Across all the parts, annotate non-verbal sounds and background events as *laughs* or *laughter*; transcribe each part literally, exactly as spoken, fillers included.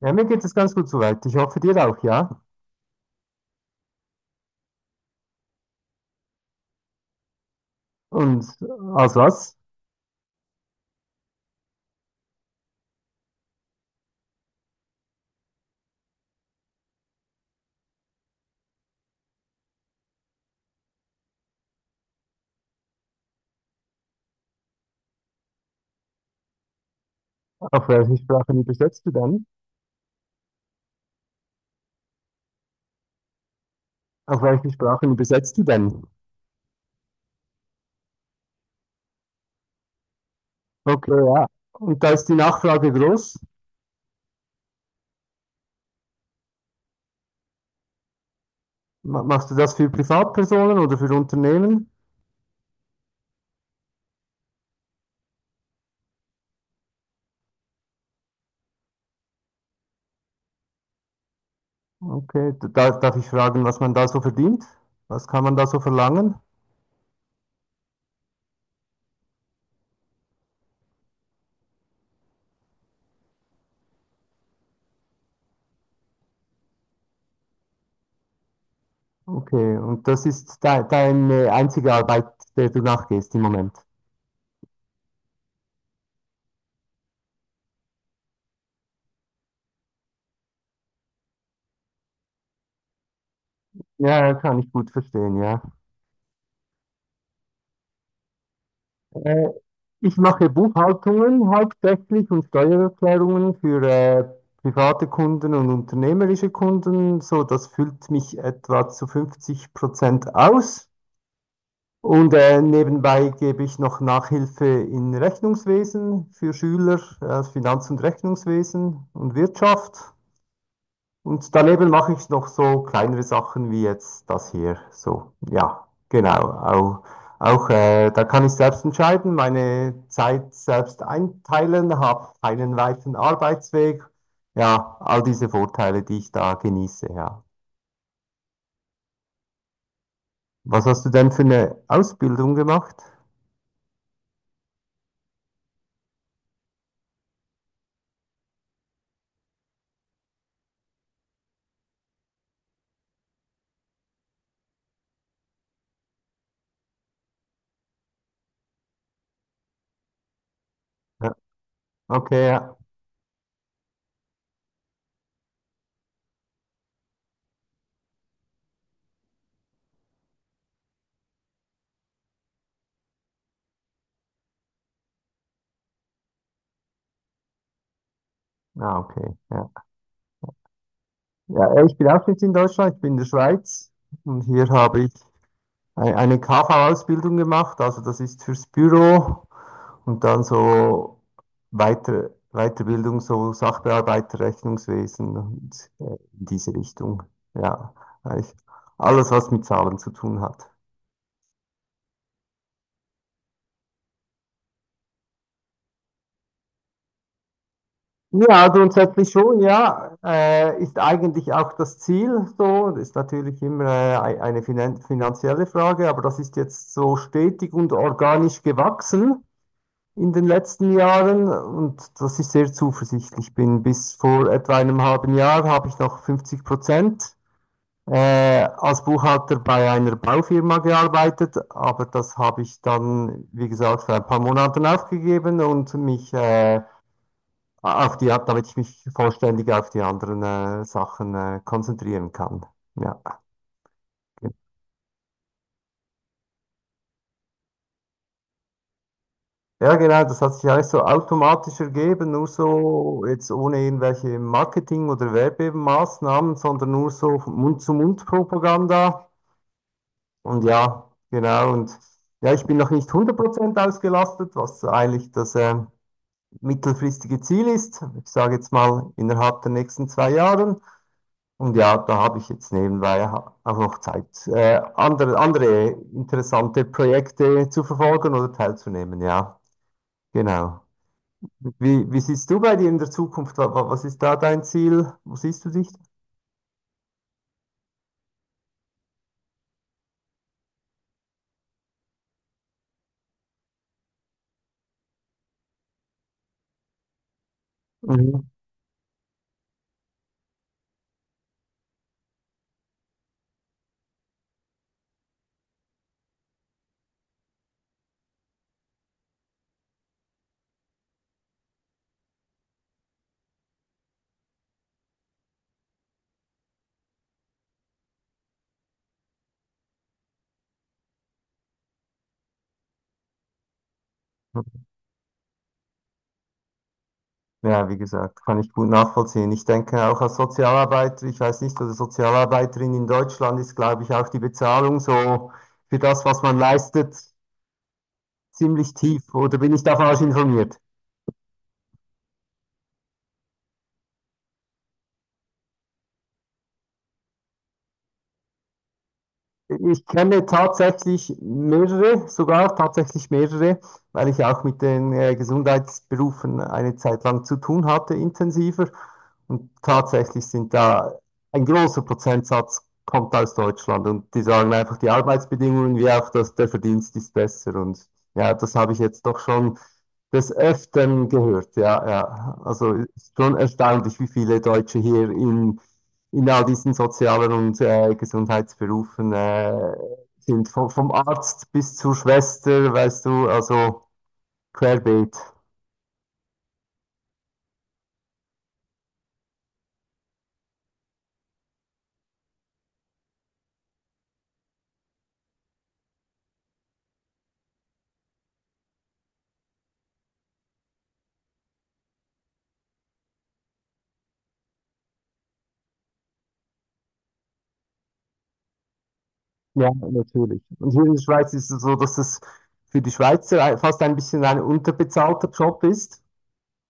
Ja, mir geht es ganz gut soweit. Ich hoffe dir auch, ja. Und aus was? Auf welche Sprachen übersetzt du denn? Auf welche Sprachen übersetzt du denn? Okay, ja. Und da ist die Nachfrage groß. Ma- Machst du das für Privatpersonen oder für Unternehmen? Okay, d- da, darf ich fragen, was man da so verdient? Was kann man da so verlangen? Okay, und das ist de deine einzige Arbeit, der du nachgehst im Moment. Ja, kann ich gut verstehen, ja. Äh, Ich mache Buchhaltungen hauptsächlich und Steuererklärungen für äh, private Kunden und unternehmerische Kunden. So, das füllt mich etwa zu fünfzig Prozent aus. Und äh, nebenbei gebe ich noch Nachhilfe in Rechnungswesen für Schüler, äh, Finanz- und Rechnungswesen und Wirtschaft. Und daneben mache ich noch so kleinere Sachen wie jetzt das hier. So, ja, genau. Auch, auch äh, da kann ich selbst entscheiden, meine Zeit selbst einteilen, habe einen weiten Arbeitsweg. Ja, all diese Vorteile, die ich da genieße, ja. Was hast du denn für eine Ausbildung gemacht? Ja, okay, ja. Ah, okay, ja. Ja, ich bin auch nicht in Deutschland, ich bin in der Schweiz und hier habe ich Ei- eine K V-Ausbildung gemacht, also das ist fürs Büro und dann so weiter, Weiterbildung, so Sachbearbeiter, Rechnungswesen und äh, in diese Richtung. Ja, eigentlich alles, was mit Zahlen zu tun hat. Ja, grundsätzlich schon, ja. Äh, ist eigentlich auch das Ziel so. Das ist natürlich immer äh, ei- eine finan finanzielle Frage, aber das ist jetzt so stetig und organisch gewachsen in den letzten Jahren und dass ich sehr zuversichtlich bin. Bis vor etwa einem halben Jahr habe ich noch fünfzig Prozent äh, als Buchhalter bei einer Baufirma gearbeitet, aber das habe ich dann, wie gesagt, vor ein paar Monaten aufgegeben und mich äh, auf die, damit ich mich vollständig auf die anderen äh, Sachen äh, konzentrieren kann. Ja. Ja, genau, das hat sich eigentlich so automatisch ergeben, nur so jetzt ohne irgendwelche Marketing- oder Werbemaßnahmen, sondern nur so Mund-zu-Mund-Propaganda. Und ja, genau. Und ja, ich bin noch nicht hundert Prozent ausgelastet, was eigentlich das ähm, mittelfristige Ziel ist. Ich sage jetzt mal innerhalb der nächsten zwei Jahren. Und ja, da habe ich jetzt nebenbei ha- auch noch Zeit, äh, andere, andere interessante Projekte zu verfolgen oder teilzunehmen. Ja, genau. Wie, wie siehst du bei dir in der Zukunft? Wa- wa- Was ist da dein Ziel? Wo siehst du dich? Mhm. Ja, wie gesagt, kann ich gut nachvollziehen. Ich denke auch als Sozialarbeiter, ich weiß nicht, oder Sozialarbeiterin in Deutschland ist, glaube ich, auch die Bezahlung so für das, was man leistet, ziemlich tief. Oder bin ich da falsch informiert? Ich kenne tatsächlich mehrere, sogar tatsächlich mehrere, weil ich auch mit den äh, Gesundheitsberufen eine Zeit lang zu tun hatte, intensiver. Und tatsächlich sind da ein großer Prozentsatz kommt aus Deutschland und die sagen einfach, die Arbeitsbedingungen wie auch das, der Verdienst ist besser. Und ja, das habe ich jetzt doch schon des Öfteren gehört. Ja, ja. Also es ist schon erstaunlich, wie viele Deutsche hier in in all diesen sozialen und äh, Gesundheitsberufen äh, sind. Vom, vom Arzt bis zur Schwester, weißt du, also querbeet. Ja, natürlich. Und hier in der Schweiz ist es so, dass es für die Schweizer ein- fast ein bisschen ein unterbezahlter Job ist,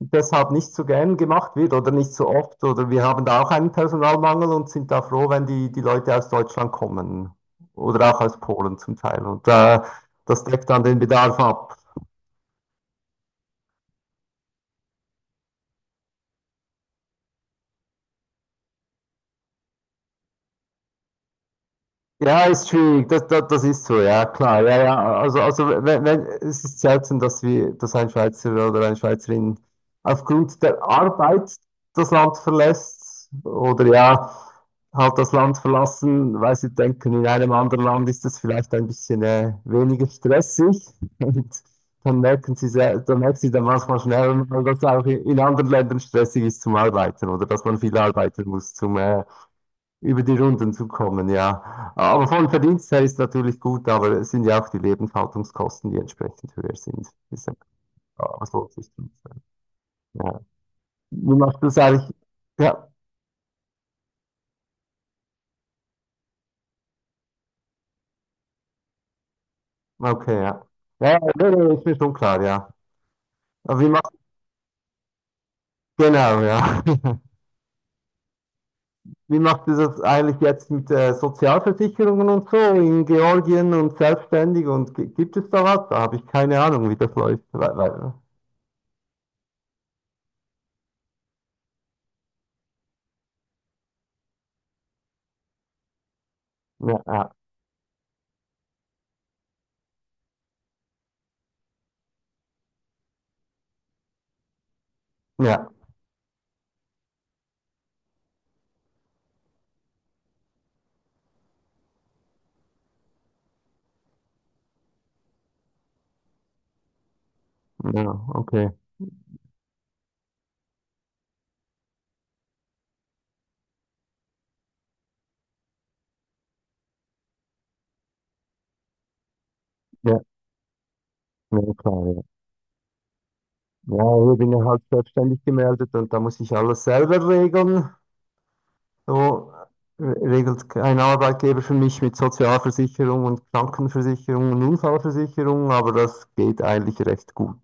deshalb nicht so gern gemacht wird oder nicht so oft. Oder wir haben da auch einen Personalmangel und sind da froh, wenn die, die Leute aus Deutschland kommen oder auch aus Polen zum Teil. Und äh, das deckt dann den Bedarf ab. Ja, ist schwierig, das, das, das ist so, ja, klar, ja, ja, also, also wenn, wenn, es ist selten, dass wir, dass ein Schweizer oder eine Schweizerin aufgrund der Arbeit das Land verlässt oder ja, halt das Land verlassen, weil sie denken, in einem anderen Land ist es vielleicht ein bisschen äh, weniger stressig *laughs* und dann merken sie, sehr, dann merken sie dann manchmal schnell, dass es auch in in anderen Ländern stressig ist zum Arbeiten oder dass man viel arbeiten muss zum, äh, über die Runden zu kommen, ja. Aber vom Verdienst her ist natürlich gut, aber es sind ja auch die Lebenshaltungskosten, die entsprechend höher sind. Ist ja klar, was lohnt sich tun. Ja. Wie machst du das eigentlich? Ja, okay, ja. Ja, ja, nee, nee, ist mir schon klar, ja. Aber wie macht Genau, ja. *laughs* Wie macht ihr das eigentlich jetzt mit äh, Sozialversicherungen und so in Georgien und selbstständig und gi- gibt es da was? Da habe ich keine Ahnung, wie das läuft. Weil, weil, ja, ja, ja, ja, okay. Ja, ja, klar, ja. Ja, ich bin ja halt selbstständig gemeldet und da muss ich alles selber regeln. So re- regelt kein Arbeitgeber für mich mit Sozialversicherung und Krankenversicherung und Unfallversicherung, aber das geht eigentlich recht gut.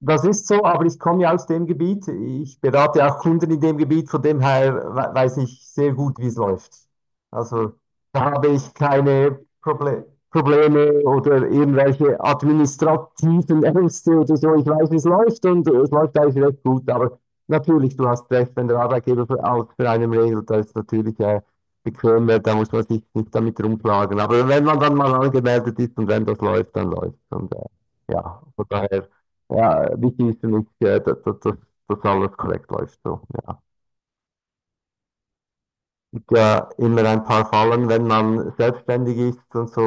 Das ist so, aber ich komme ja aus dem Gebiet. Ich berate auch Kunden in dem Gebiet, von dem her we- weiß ich sehr gut, wie es läuft. Also da habe ich keine Proble Probleme oder irgendwelche administrativen Ängste oder so. Ich weiß, wie es läuft und es läuft eigentlich recht gut. Aber natürlich, du hast recht, wenn der Arbeitgeber für, auch für einen regelt, da ist natürlich äh, bequemer, da muss man sich nicht damit rumplagen. Aber wenn man dann mal angemeldet ist und wenn das läuft, dann läuft. Und äh, ja, von daher. Ja, wichtig ist für mich, äh, dass, dass, dass dass alles korrekt läuft. So. Ja. Es gibt ja immer ein paar Fallen, wenn man selbstständig ist und so,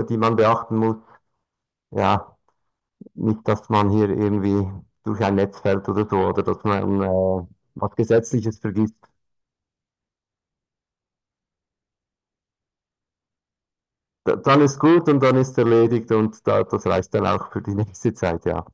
äh, die man beachten muss. Ja, nicht, dass man hier irgendwie durch ein Netz fällt oder so, oder dass man äh, was Gesetzliches vergisst. Da, dann ist gut und dann ist erledigt und da, das reicht dann auch für die *laughs* nächste Zeit, ja.